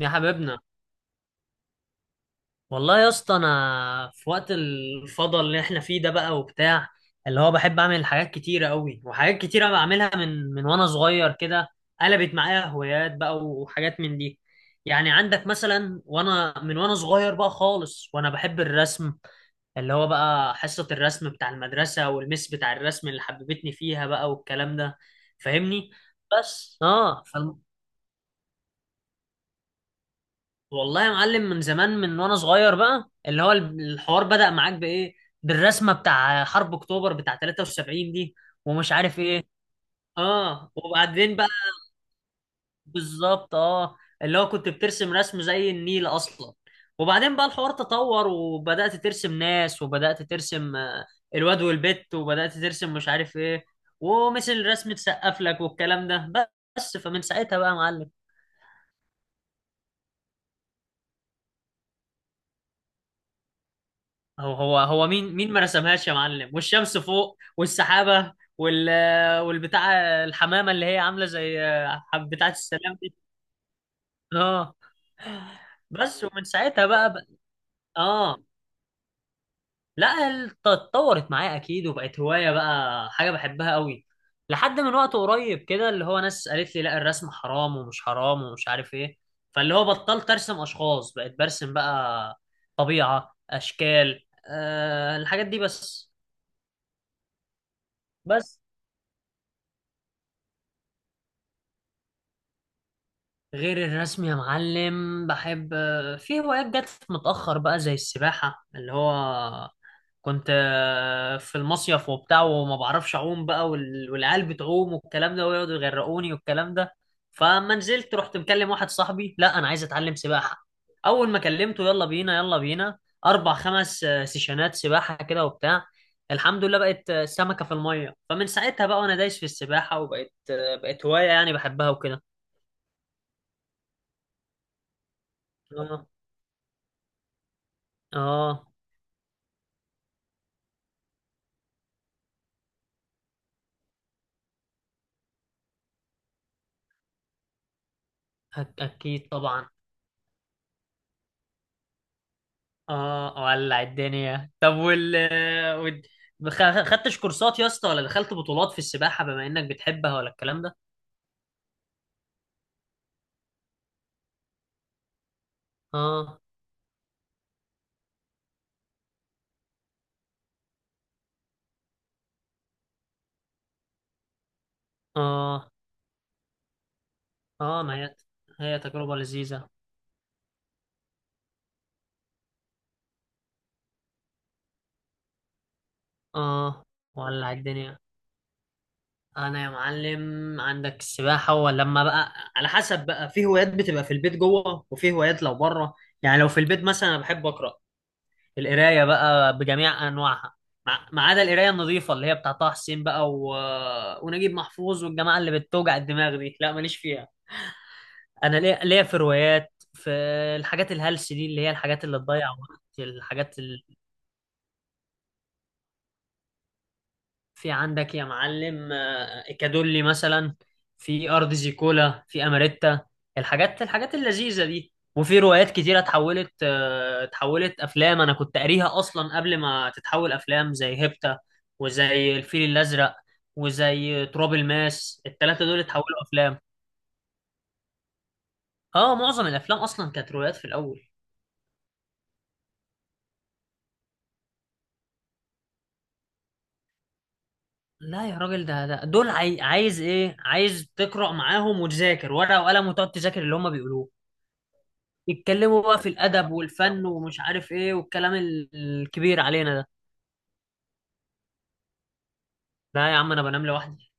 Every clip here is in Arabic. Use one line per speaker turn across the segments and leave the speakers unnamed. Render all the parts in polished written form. يا حبيبنا. والله يا اسطى انا في وقت الفضل اللي احنا فيه ده بقى وبتاع، اللي هو بحب اعمل حاجات كتيره قوي، وحاجات كتيره بعملها من وانا صغير كده. قلبت معايا هوايات بقى وحاجات من دي. يعني عندك مثلا وانا من وانا صغير بقى خالص وانا بحب الرسم، اللي هو بقى حصه الرسم بتاع المدرسه والمس بتاع الرسم اللي حببتني فيها بقى والكلام ده. فاهمني؟ بس اه. والله يا معلم من زمان من وانا صغير بقى اللي هو الحوار بدأ معاك بايه؟ بالرسمه بتاع حرب اكتوبر بتاع 73 دي، ومش عارف ايه. اه وبعدين بقى. بالظبط اه. اللي هو كنت بترسم رسم زي النيل اصلا. وبعدين بقى الحوار تطور، وبدأت ترسم ناس، وبدأت ترسم الواد والبت، وبدأت ترسم مش عارف ايه. ومثل رسمة سقف لك والكلام ده. بس فمن ساعتها بقى يا معلم. هو مين ما رسمهاش يا معلم، والشمس فوق والسحابة والبتاع، الحمامة اللي هي عاملة زي بتاعة السلام دي. اه. بس ومن ساعتها بقى. اه لا، اتطورت معايا اكيد، وبقت هواية بقى، حاجة بحبها قوي لحد من وقت قريب كده. اللي هو ناس قالت لي لا الرسم حرام ومش حرام ومش عارف ايه. فاللي هو بطلت ارسم اشخاص، بقيت برسم بقى طبيعة اشكال الحاجات دي بس. بس. غير الرسم يا معلم بحب. في هوايات جت متأخر بقى زي السباحة، اللي هو كنت في المصيف وبتاع، وما بعرفش أعوم بقى، والعيال بتعوم والكلام ده ويقعدوا يغرقوني والكلام ده. فما نزلت رحت مكلم واحد صاحبي: لا أنا عايز أتعلم سباحة. أول ما كلمته: يلا بينا، يلا بينا. أربع خمس سيشنات سباحة كده وبتاع. الحمد لله بقت سمكة في المية. فمن ساعتها بقى وأنا دايس في السباحة، وبقت آه، بقت هواية يعني بحبها وكده. اه اكيد طبعا. اه ولع الدنيا. طب وال- خدتش كورسات يا اسطى، ولا دخلت بطولات في السباحة بما انك بتحبها، ولا الكلام ده؟ اه. اه. اه ما هي تجربة لذيذة. اه ولع الدنيا. انا يا معلم عندك السباحة، ولما بقى على حسب بقى، في هوايات بتبقى في البيت جوه، وفي هوايات لو بره. يعني لو في البيت مثلا انا بحب اقرا. القرايه بقى بجميع انواعها، ما عدا القرايه النظيفه اللي هي بتاع طه حسين بقى، و ونجيب محفوظ والجماعه اللي بتوجع الدماغ دي، لا ماليش فيها. انا ليا في روايات، في الحاجات الهلس دي اللي هي الحاجات اللي تضيع وقت الحاجات. في عندك يا معلم إيكادولي مثلا، في أرض زيكولا، في أماريتا، الحاجات اللذيذة دي. وفي روايات كتيرة اتحولت اتحولت أفلام، أنا كنت قاريها أصلا قبل ما تتحول أفلام، زي هيبتا وزي الفيل الأزرق وزي تراب الماس. التلاتة دول اتحولوا أفلام. اه معظم الأفلام أصلا كانت روايات في الأول. لا يا راجل، ده دول عايز ايه، عايز تقرأ معاهم وتذاكر ورقة وقلم وتقعد تذاكر اللي هما بيقولوه، يتكلموا بقى في الادب والفن ومش عارف ايه والكلام الكبير علينا ده. لا يا عم انا بنام لوحدي.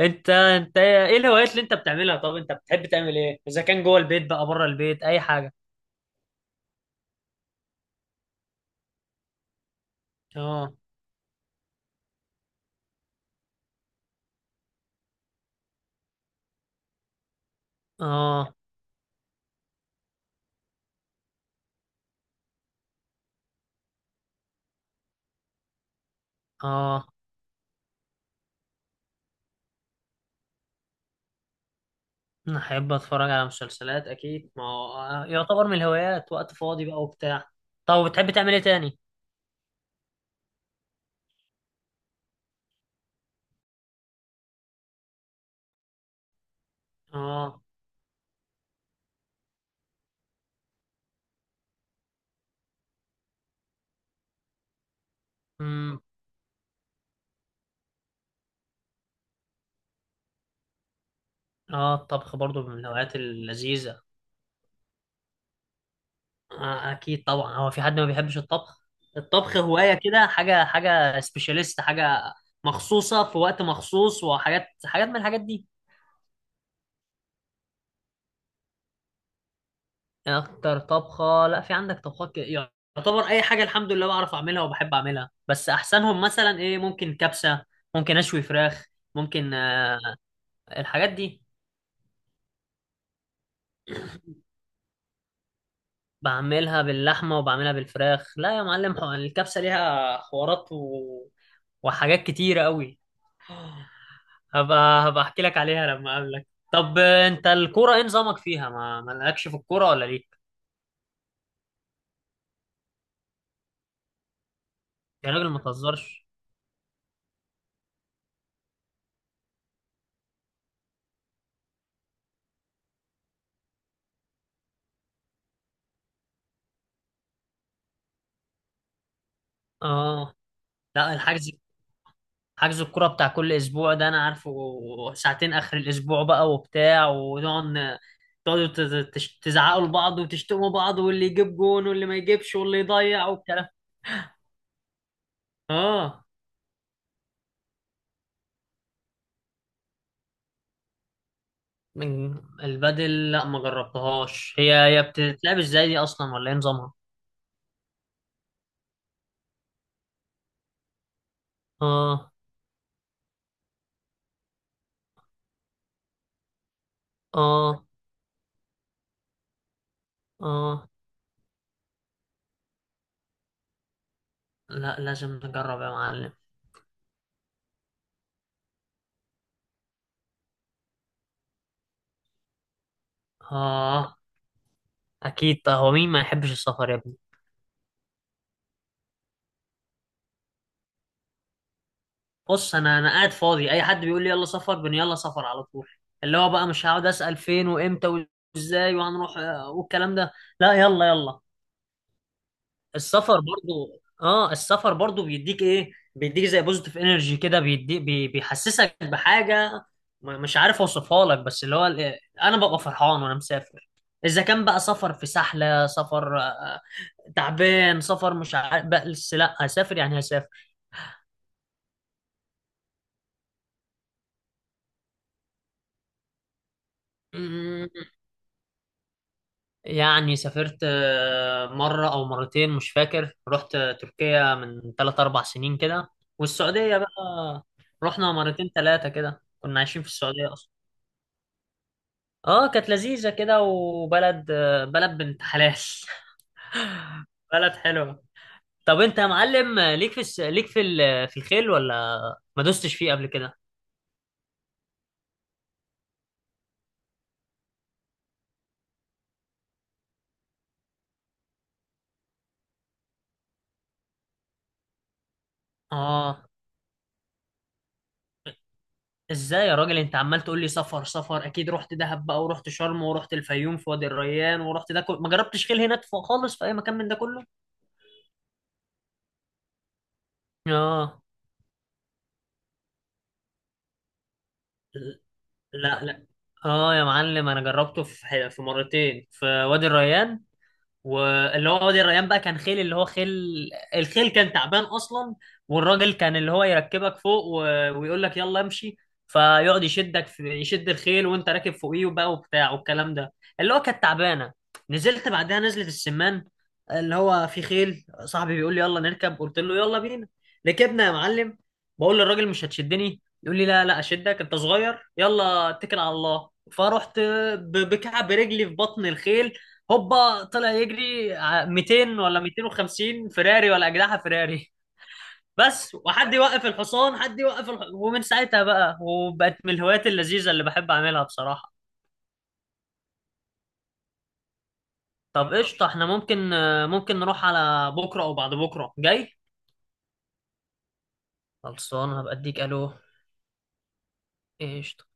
انت ايه الهوايات اللي انت بتعملها؟ طب انت بتحب تعمل ايه، اذا كان جوه البيت بقى بره البيت، اي حاجه؟ اه. اه. اه انا احب اتفرج على مسلسلات اكيد، ما هو يعتبر من الهوايات وقت فاضي بقى وبتاع. طب بتحب تعمل ايه تاني؟ اه. امم. اه الطبخ برضو من الهوايات اللذيذه. اكيد طبعا، هو في حد ما بيحبش الطبخ؟ الطبخ هواية كده، حاجة سبيشاليست، حاجة مخصوصة في وقت مخصوص، حاجات من الحاجات دي. اكتر طبخة، لا، في عندك طبخات يعتبر اي حاجة الحمد لله بعرف اعملها وبحب اعملها. بس احسنهم مثلا ايه، ممكن كبسة، ممكن اشوي فراخ، ممكن الحاجات دي. بعملها باللحمة وبعملها بالفراخ. لا يا معلم الكبسة ليها حوارات و وحاجات كتيرة قوي. هبقى احكي لك عليها لما اقابلك. طب انت الكوره ايه نظامك فيها، ما مالكش في الكوره ولا ليك؟ يا راجل ما تهزرش. اه لا الحجز، حجز الكوره بتاع كل اسبوع ده انا عارفه، ساعتين اخر الاسبوع بقى وبتاع. ونقعد تزعقوا لبعض وتشتموا بعض، واللي يجيب جون واللي ما يجيبش واللي يضيع والكلام. اه من البدل، لا ما جربتهاش. هي بتتلعب ازاي دي اصلا، ولا ايه نظامها؟ اه. اه. اه لا لازم نجرب يا معلم. اه اكيد طه، هو مين ما يحبش السفر يا ابني؟ بص انا قاعد فاضي، اي حد بيقول لي يلا سفر يلا سفر على طول. اللي هو بقى مش هقعد اسال فين وامتى وازاي وهنروح والكلام ده. لا يلا يلا. السفر برضو، اه السفر برضو بيديك ايه، بيديك زي بوزيتيف انرجي كده، بيديك بيحسسك بحاجه مش عارف اوصفها لك. بس اللي هو انا ببقى فرحان وانا مسافر، اذا كان بقى سفر في سحله، سفر تعبان، سفر مش عارف، بس لا هسافر يعني هسافر. مم، يعني سافرت مرة أو مرتين مش فاكر. رحت تركيا من 3 أو 4 سنين كده، والسعودية بقى رحنا مرتين تلاتة كده، كنا عايشين في السعودية أصلا. اه كانت لذيذة كده، وبلد بلد بنت حلال. بلد حلوة. طب أنت يا معلم ليك في الس... ليك في ال... في الخيل، ولا ما دوستش فيه قبل كده؟ اه ازاي يا راجل انت عمال تقول لي سفر سفر؟ اكيد رحت دهب بقى، ورحت شرم، ورحت الفيوم في وادي الريان، ورحت ده كله. ما جربتش خيل هناك خالص في اي مكان من ده كله. اه. لا لا. اه يا معلم انا جربته في مرتين في وادي الريان. واللي هو وادي الريان بقى كان خيل اللي هو خيل، الخيل كان تعبان اصلا، والراجل كان اللي هو يركبك فوق، و ويقول لك يلا امشي، فيقعد يشدك في يشد الخيل، وانت راكب فوقيه بقى وبتاع والكلام ده، اللي هو كانت تعبانه. نزلت بعدها نزلت السمان، اللي هو في خيل، صاحبي بيقول لي يلا نركب، قلت له يلا بينا. ركبنا يا معلم، بقول للراجل مش هتشدني، يقول لي لا لا اشدك انت صغير يلا اتكل على الله. فرحت بكعب رجلي في بطن الخيل، هوبا طلع يجري 200 ولا 250 فراري ولا اجنحه فراري. بس، وحد يوقف الحصان، حد يوقف ومن ساعتها بقى، وبقت من الهوايات اللذيذه اللي بحب اعملها بصراحه. طب قشطه، احنا ممكن نروح على بكره او بعد بكره جاي. خلصان، هبقى اديك الو. قشطه.